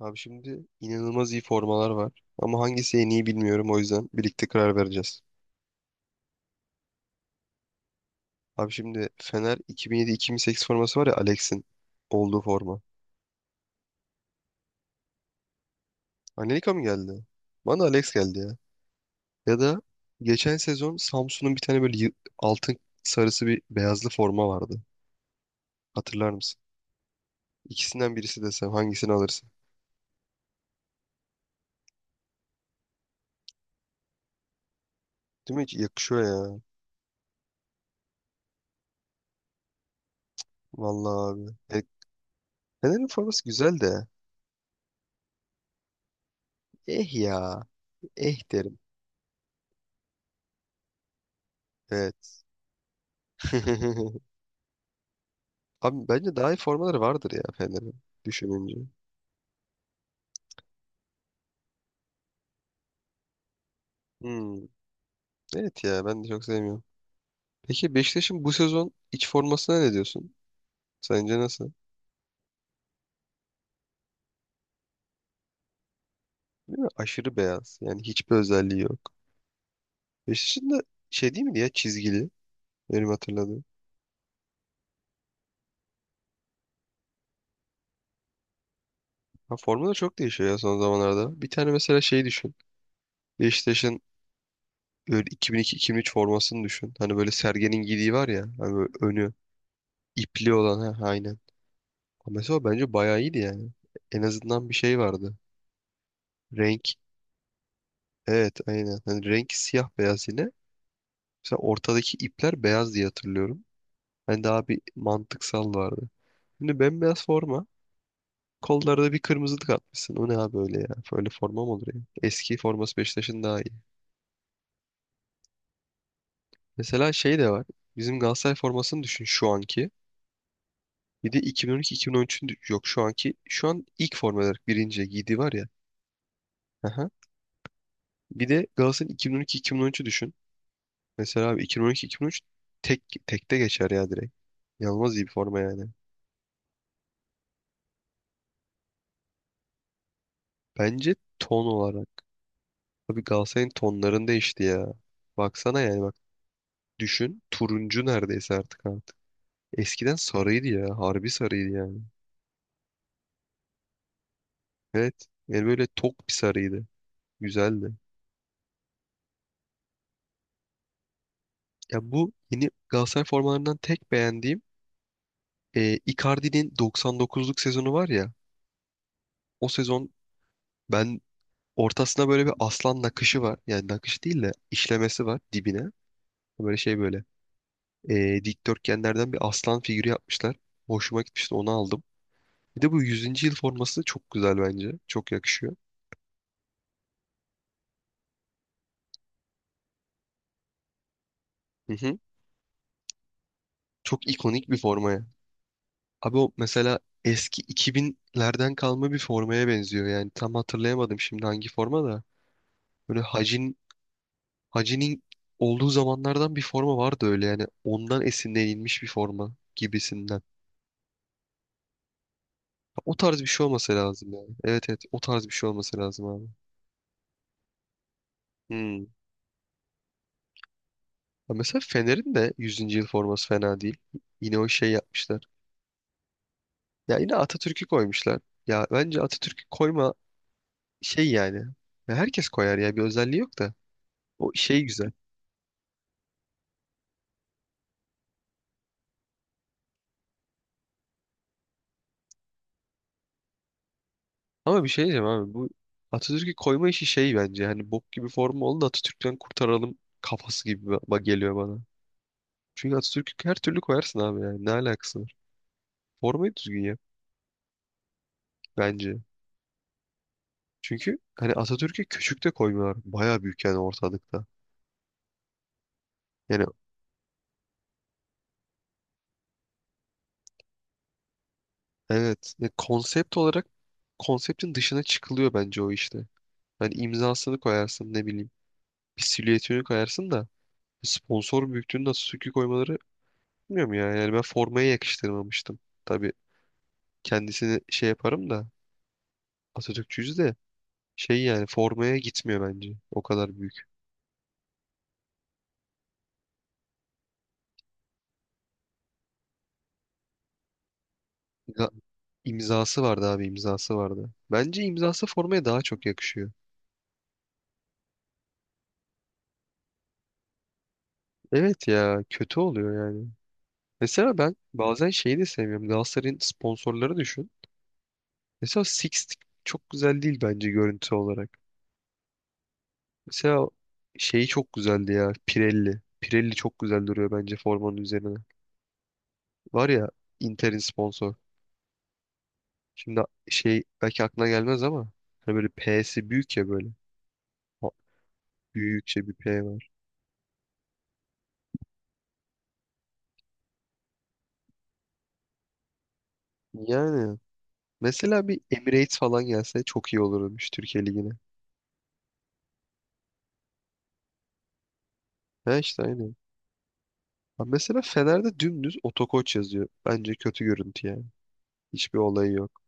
Abi şimdi inanılmaz iyi formalar var. Ama hangisi en iyi bilmiyorum, o yüzden birlikte karar vereceğiz. Abi şimdi Fener 2007-2008 forması var ya, Alex'in olduğu forma. Anelika mı geldi? Bana Alex geldi ya. Ya da geçen sezon Samsun'un bir tane böyle altın sarısı bir beyazlı forma vardı. Hatırlar mısın? İkisinden birisi desem hangisini alırsın? Değil mi? Hiç yakışıyor ya. Vallahi abi. Fener'in forması güzel de. Eh ya. Eh derim. Evet. Abi bence daha iyi formaları vardır ya Fener'in, düşününce. Hmm, Evet ya, ben de çok sevmiyorum. Peki Beşiktaş'ın bu sezon iç formasına ne diyorsun? Sence nasıl? Değil mi? Aşırı beyaz. Yani hiçbir özelliği yok. Beşiktaş'ın da şey değil miydi ya, çizgili? Benim hatırladığım. Ha, forma da çok değişiyor ya son zamanlarda. Bir tane mesela şey düşün. Beşiktaş'ın böyle 2002-2003 formasını düşün. Hani böyle Sergen'in giydiği var ya. Hani böyle önü ipli olan. Ha, aynen. Ama mesela o bence bayağı iyiydi yani. En azından bir şey vardı. Renk. Evet, aynen. Hani rengi siyah beyaz yine. Mesela ortadaki ipler beyaz diye hatırlıyorum. Hani daha bir mantıksal vardı. Şimdi bembeyaz forma. Kollarda bir kırmızılık atmışsın. O ne abi öyle ya? Böyle forma mı olur ya? Eski forması Beşiktaş'ın daha iyi. Mesela şey de var. Bizim Galatasaray formasını düşün, şu anki. Bir de 2012-2013'ün yok şu anki. Şu an ilk forma olarak birinci giydiği var ya. Aha. Bir de Galatasaray'ın 2012-2013'ü düşün. Mesela abi 2012-2013 tek tekte geçer ya direkt. Yalmaz iyi bir forma yani. Bence ton olarak. Abi Galatasaray'ın tonlarını değişti ya. Baksana yani, bak. Düşün, turuncu neredeyse artık. Eskiden sarıydı ya. Harbi sarıydı yani. Evet. Yani böyle tok bir sarıydı. Güzeldi. Ya, bu yeni Galatasaray formalarından tek beğendiğim Icardi'nin 99'luk sezonu var ya. O sezon ben, ortasına böyle bir aslan nakışı var. Yani nakış değil de işlemesi var dibine. Böyle şey böyle. Dikdörtgenlerden bir aslan figürü yapmışlar. Hoşuma gitmişti, onu aldım. Bir de bu yüzüncü yıl forması çok güzel bence. Çok yakışıyor. Hı hı. Çok ikonik bir formaya. Abi o mesela eski iki binlerden kalma bir formaya benziyor. Yani tam hatırlayamadım şimdi hangi forma da. Böyle Hacı'nin olduğu zamanlardan bir forma vardı öyle yani. Ondan esinlenilmiş bir forma gibisinden. O tarz bir şey olması lazım yani. Evet evet, o tarz bir şey olması lazım abi. Hmm. Ya mesela Fener'in de yüzüncü yıl forması fena değil. Yine o şey yapmışlar. Ya, yine Atatürk'ü koymuşlar. Ya bence Atatürk'ü koyma şey yani. Ya herkes koyar ya, bir özelliği yok da. O şey güzel. Ama bir şey diyeceğim abi, bu Atatürk'ü koyma işi şey bence. Hani bok gibi formu oldu da Atatürk'ten kurtaralım kafası gibi geliyor bana. Çünkü Atatürk'ü her türlü koyarsın abi yani. Ne alakası var? Formayı düzgün yap bence. Çünkü hani Atatürk'ü küçük de koymuyorlar. Baya büyük yani, ortalıkta. Yani evet ya, konsept olarak konseptin dışına çıkılıyor bence o işte. Hani imzasını koyarsın, ne bileyim, bir silüetini koyarsın da sponsor büyüklüğünü nasıl sökü koymaları, bilmiyorum ya. Yani ben formaya yakıştırmamıştım. Tabii kendisini şey yaparım da, Atatürkçüyüz de, şey yani formaya gitmiyor bence. O kadar büyük. İmza- İmzası vardı abi, imzası vardı. Bence imzası formaya daha çok yakışıyor. Evet ya, kötü oluyor yani. Mesela ben bazen şeyi de sevmiyorum. Galatasaray'ın sponsorları düşün. Mesela Six çok güzel değil bence görüntü olarak. Mesela şeyi çok güzeldi ya. Pirelli. Pirelli çok güzel duruyor bence formanın üzerine. Var ya Inter'in sponsor. Şimdi şey belki aklına gelmez ama hani böyle P'si büyük ya böyle. Ha- Büyükçe bir P var. Yani mesela bir Emirates falan gelse çok iyi olurmuş Türkiye Ligi'ne. Ha, işte aynen. Ha, mesela Fener'de dümdüz Otokoç yazıyor. Bence kötü görüntü yani. Hiçbir olayı yok.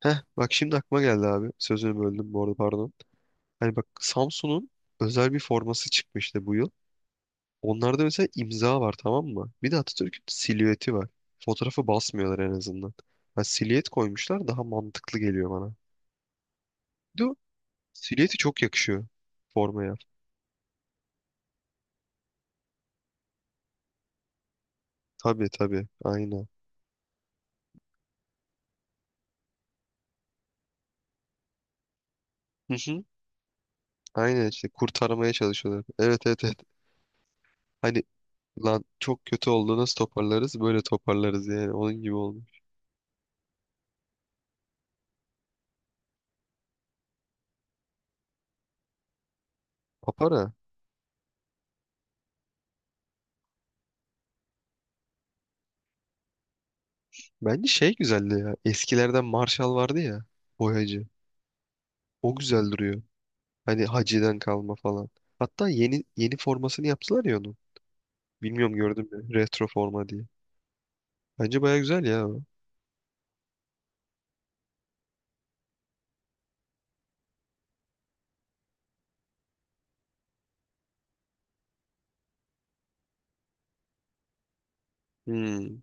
Heh, bak şimdi aklıma geldi abi. Sözünü böldüm bu arada, pardon. Hani bak, Samsun'un özel bir forması çıkmıştı bu yıl. Onlarda mesela imza var, tamam mı? Bir de Atatürk'ün silüeti var. Fotoğrafı basmıyorlar en azından. Ha, silüet koymuşlar, daha mantıklı geliyor bana. Bir de o silüeti çok yakışıyor formaya. Tabii tabii, aynen. Hı hı. Aynen işte, kurtarmaya çalışıyorlar. Evet evet evet. Hani lan çok kötü oldu, nasıl toparlarız, böyle toparlarız yani, onun gibi olmuş. Papara. Bence şey güzeldi ya, eskilerden Marshall vardı ya, boyacı. O güzel duruyor. Hani Hacı'dan kalma falan. Hatta yeni yeni formasını yaptılar ya onu. Bilmiyorum, gördün mü? Retro forma diye. Bence baya güzel ya o. Hmm.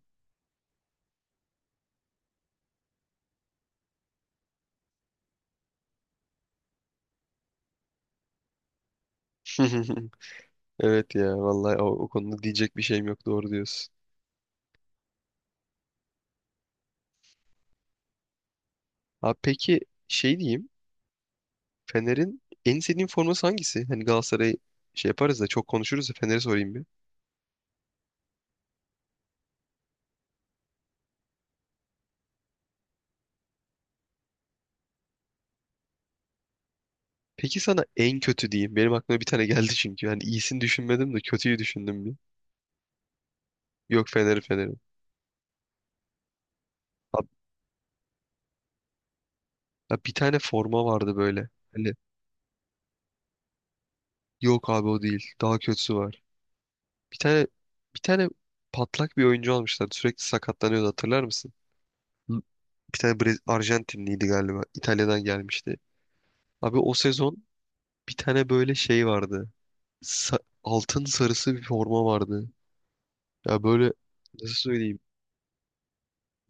Evet ya vallahi, o konuda diyecek bir şeyim yok, doğru diyorsun. Abi peki şey diyeyim. Fener'in en sevdiğin forması hangisi? Hani Galatasaray şey yaparız da çok konuşuruz da Fener'e sorayım bir. Peki sana en kötü diyeyim. Benim aklıma bir tane geldi çünkü. Hani iyisini düşünmedim de kötüyü düşündüm bir. Yok, Fener'i Fener'i. Abi, abi bir tane forma vardı böyle. Hani. Yok abi, o değil. Daha kötüsü var. Bir tane bir tane patlak bir oyuncu almışlardı. Sürekli sakatlanıyordu, hatırlar mısın? Hı. Bir tane Arjantinliydi galiba. İtalya'dan gelmişti. Abi o sezon bir tane böyle şey vardı. Sa- altın sarısı bir forma vardı. Ya böyle nasıl söyleyeyim?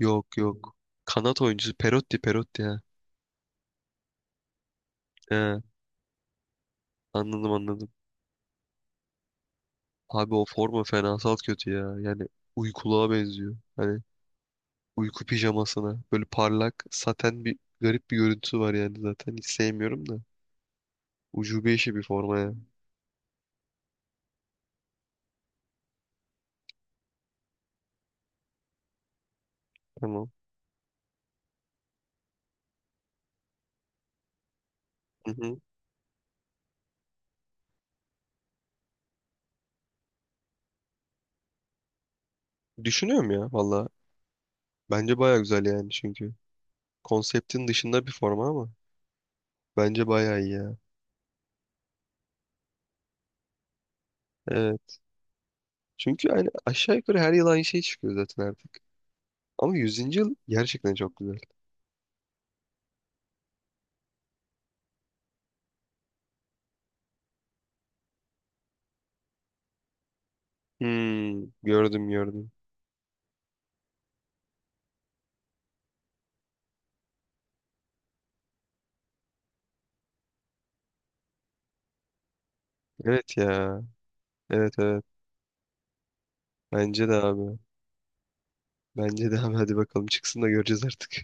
Yok yok. Kanat oyuncusu, Perotti Perotti, ha. He, anladım anladım. Abi o forma fenasal kötü ya. Yani uykuluğa benziyor. Hani uyku pijamasına. Böyle parlak, saten, bir garip bir görüntüsü var yani zaten. Hiç sevmiyorum da. Ucube işi bir forma ya. Tamam. Hı hı. Düşünüyorum ya, valla. Bence baya güzel yani çünkü. Konseptin dışında bir forma ama. Bence baya iyi ya. Evet. Çünkü yani aşağı yukarı her yıl aynı şey çıkıyor zaten artık. Ama yüzüncü yıl gerçekten çok güzel. Gördüm gördüm. Evet ya. Evet evet. Bence de abi. Bence de abi. Hadi bakalım çıksın da göreceğiz artık.